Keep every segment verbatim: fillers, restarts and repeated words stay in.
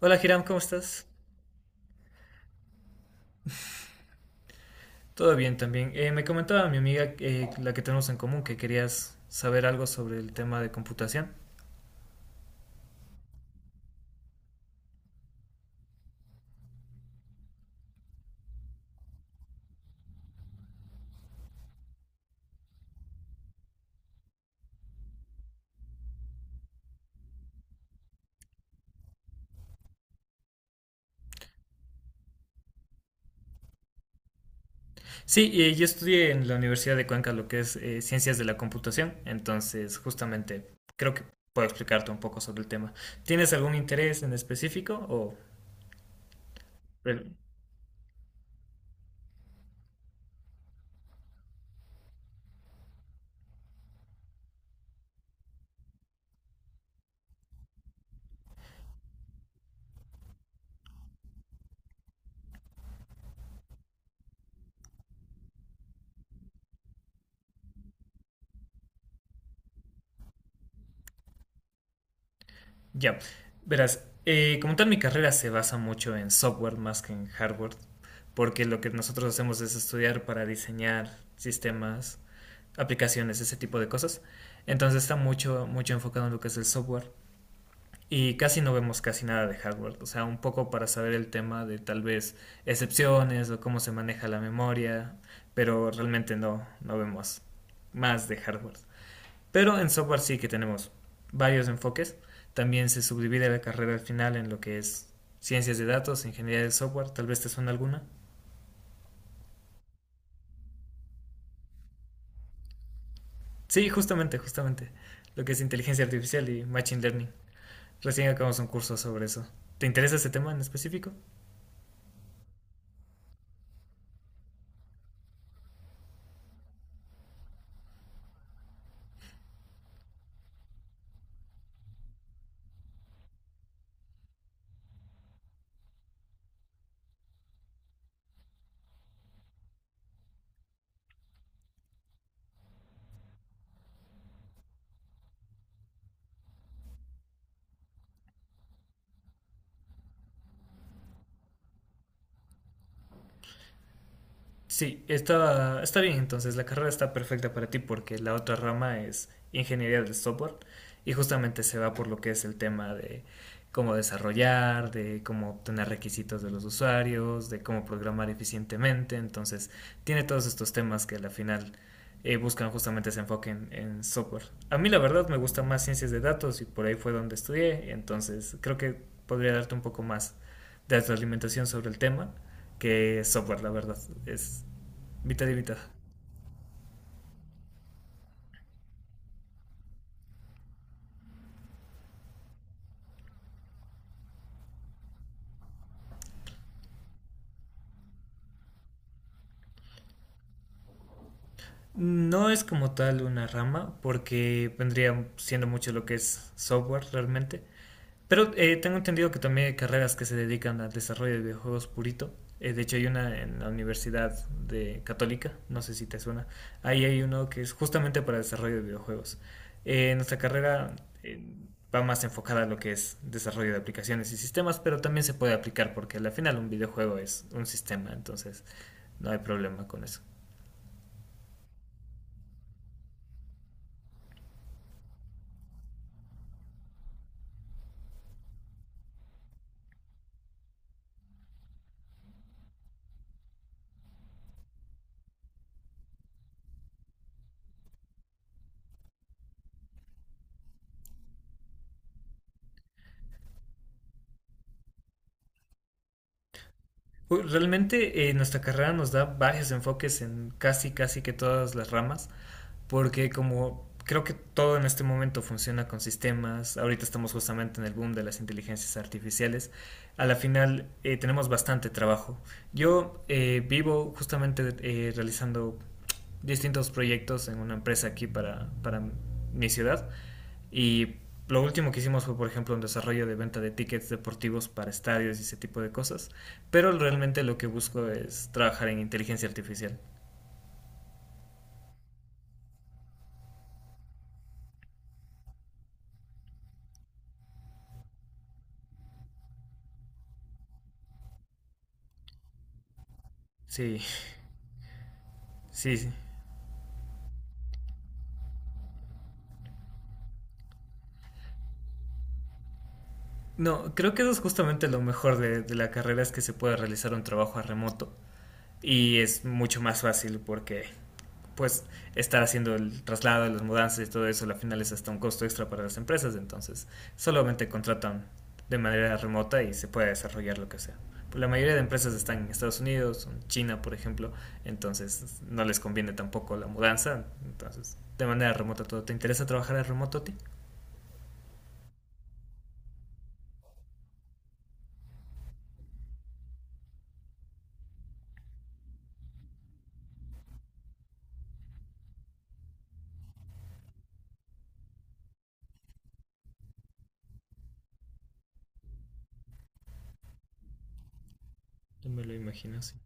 Hola Hiram, ¿cómo estás? Todo bien también. Eh, me comentaba mi amiga, eh, la que tenemos en común, que querías saber algo sobre el tema de computación. Sí, eh, yo estudié en la Universidad de Cuenca lo que es eh, ciencias de la computación, entonces justamente creo que puedo explicarte un poco sobre el tema. ¿Tienes algún interés en específico o eh, ya, verás, eh, como tal mi carrera se basa mucho en software más que en hardware, porque lo que nosotros hacemos es estudiar para diseñar sistemas, aplicaciones, ese tipo de cosas. Entonces está mucho, mucho enfocado en lo que es el software y casi no vemos casi nada de hardware. O sea, un poco para saber el tema de tal vez excepciones o cómo se maneja la memoria, pero realmente no, no vemos más de hardware. Pero en software sí que tenemos varios enfoques. También se subdivide la carrera al final en lo que es ciencias de datos, ingeniería de software, tal vez te suena alguna. Sí, justamente, justamente. Lo que es inteligencia artificial y machine learning. Recién acabamos un curso sobre eso. ¿Te interesa ese tema en específico? Sí, está, está bien, entonces la carrera está perfecta para ti porque la otra rama es ingeniería del software y justamente se va por lo que es el tema de cómo desarrollar, de cómo obtener requisitos de los usuarios, de cómo programar eficientemente, entonces tiene todos estos temas que a la final eh, buscan justamente ese enfoque en, en software. A mí la verdad me gusta más ciencias de datos y por ahí fue donde estudié, entonces creo que podría darte un poco más de alimentación sobre el tema que software, la verdad. Es mitad y mitad. No es como tal una rama, porque vendría siendo mucho lo que es software realmente, pero eh, tengo entendido que también hay carreras que se dedican al desarrollo de videojuegos purito. Eh, de hecho, hay una en la Universidad de Católica, no sé si te suena. Ahí hay uno que es justamente para desarrollo de videojuegos. Eh, nuestra carrera eh, va más enfocada a lo que es desarrollo de aplicaciones y sistemas, pero también se puede aplicar porque al final un videojuego es un sistema, entonces no hay problema con eso. Uy, realmente eh, nuestra carrera nos da varios enfoques en casi, casi que todas las ramas, porque como creo que todo en este momento funciona con sistemas, ahorita estamos justamente en el boom de las inteligencias artificiales, a la final eh, tenemos bastante trabajo. Yo eh, vivo justamente eh, realizando distintos proyectos en una empresa aquí para, para mi ciudad y lo último que hicimos fue, por ejemplo, un desarrollo de venta de tickets deportivos para estadios y ese tipo de cosas, pero realmente lo que busco es trabajar en inteligencia artificial. Sí, sí, sí. No, creo que eso es justamente lo mejor de, de la carrera, es que se puede realizar un trabajo a remoto y es mucho más fácil porque pues estar haciendo el traslado, las mudanzas y todo eso, al final es hasta un costo extra para las empresas, entonces solamente contratan de manera remota y se puede desarrollar lo que sea. La mayoría de empresas están en Estados Unidos, en China, por ejemplo, entonces no les conviene tampoco la mudanza, entonces de manera remota todo. ¿Te interesa trabajar a remoto a ti? Yo me lo imagino así.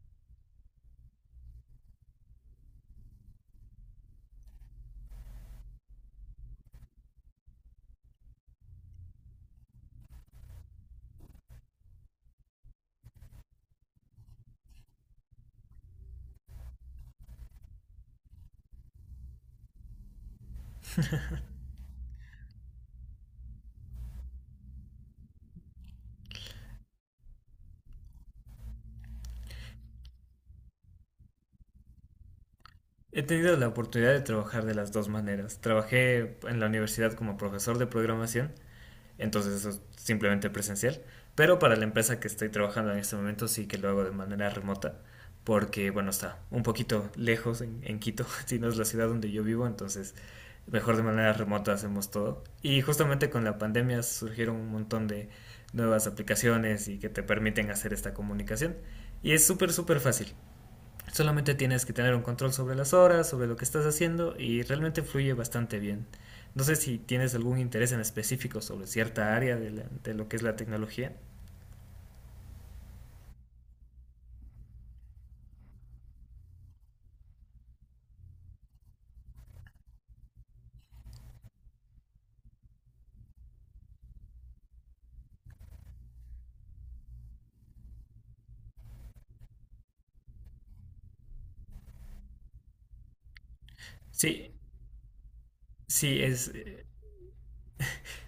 He tenido la oportunidad de trabajar de las dos maneras. Trabajé en la universidad como profesor de programación, entonces eso es simplemente presencial, pero para la empresa que estoy trabajando en este momento sí que lo hago de manera remota, porque bueno, está un poquito lejos en, en Quito, si no es la ciudad donde yo vivo, entonces mejor de manera remota hacemos todo. Y justamente con la pandemia surgieron un montón de nuevas aplicaciones y que te permiten hacer esta comunicación. Y es súper, súper fácil. Solamente tienes que tener un control sobre las horas, sobre lo que estás haciendo y realmente fluye bastante bien. No sé si tienes algún interés en específico sobre cierta área de, la- de lo que es la tecnología. Sí, sí, es... eh,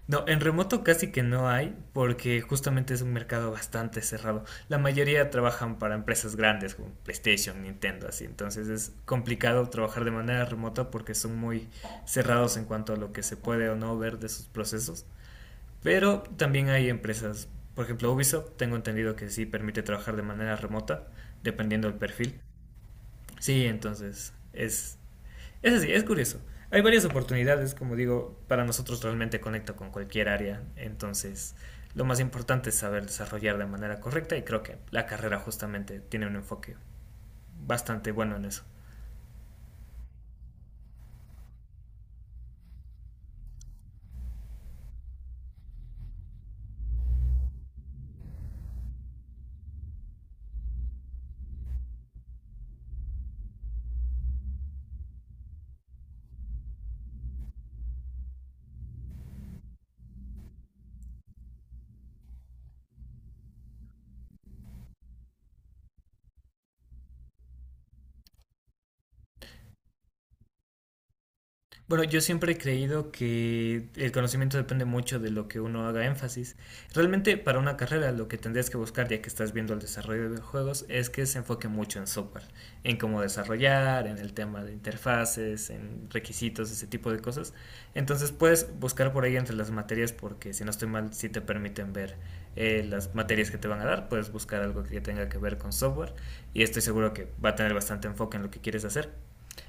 no, en remoto casi que no hay porque justamente es un mercado bastante cerrado. La mayoría trabajan para empresas grandes como PlayStation, Nintendo, así. Entonces es complicado trabajar de manera remota porque son muy cerrados en cuanto a lo que se puede o no ver de sus procesos. Pero también hay empresas, por ejemplo Ubisoft, tengo entendido que sí permite trabajar de manera remota, dependiendo del perfil. Sí, entonces es, es así, es curioso. Hay varias oportunidades, como digo, para nosotros realmente conecta con cualquier área, entonces lo más importante es saber desarrollar de manera correcta y creo que la carrera justamente tiene un enfoque bastante bueno en eso. Bueno, yo siempre he creído que el conocimiento depende mucho de lo que uno haga énfasis. Realmente para una carrera lo que tendrías que buscar, ya que estás viendo el desarrollo de juegos, es que se enfoque mucho en software, en cómo desarrollar, en el tema de interfaces, en requisitos, ese tipo de cosas. Entonces puedes buscar por ahí entre las materias porque si no estoy mal, si te permiten ver eh, las materias que te van a dar, puedes buscar algo que tenga que ver con software y estoy seguro que va a tener bastante enfoque en lo que quieres hacer.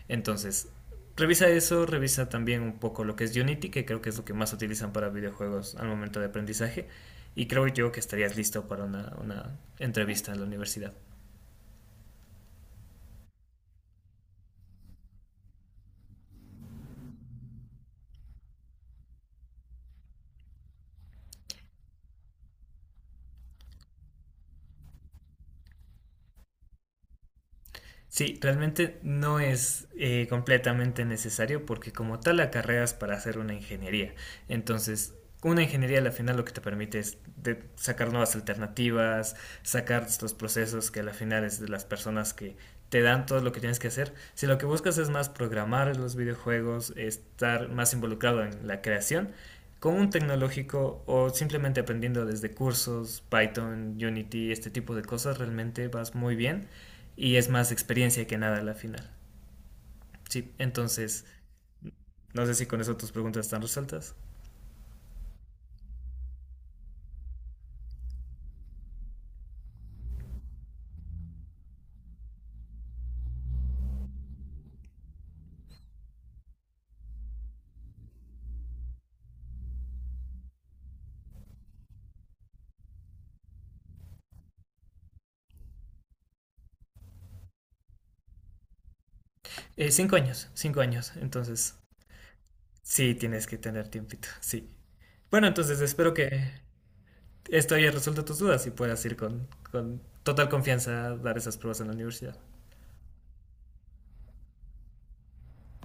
Entonces, revisa eso, revisa también un poco lo que es Unity, que creo que es lo que más utilizan para videojuegos al momento de aprendizaje. Y creo yo que estarías listo para una, una entrevista en la universidad. Sí, realmente no es eh, completamente necesario porque como tal acarreas para hacer una ingeniería. Entonces, una ingeniería al final lo que te permite es de- sacar nuevas alternativas, sacar estos procesos que al final es de las personas que te dan todo lo que tienes que hacer. Si lo que buscas es más programar los videojuegos, estar más involucrado en la creación, con un tecnológico o simplemente aprendiendo desde cursos, Python, Unity, este tipo de cosas, realmente vas muy bien y es más experiencia que nada la final. Sí, entonces, no sé si con eso tus preguntas están resueltas. Eh, cinco años, cinco años, entonces sí tienes que tener tiempito, sí. Bueno, entonces espero que esto haya resuelto tus dudas y puedas ir con, con total confianza a dar esas pruebas en la universidad.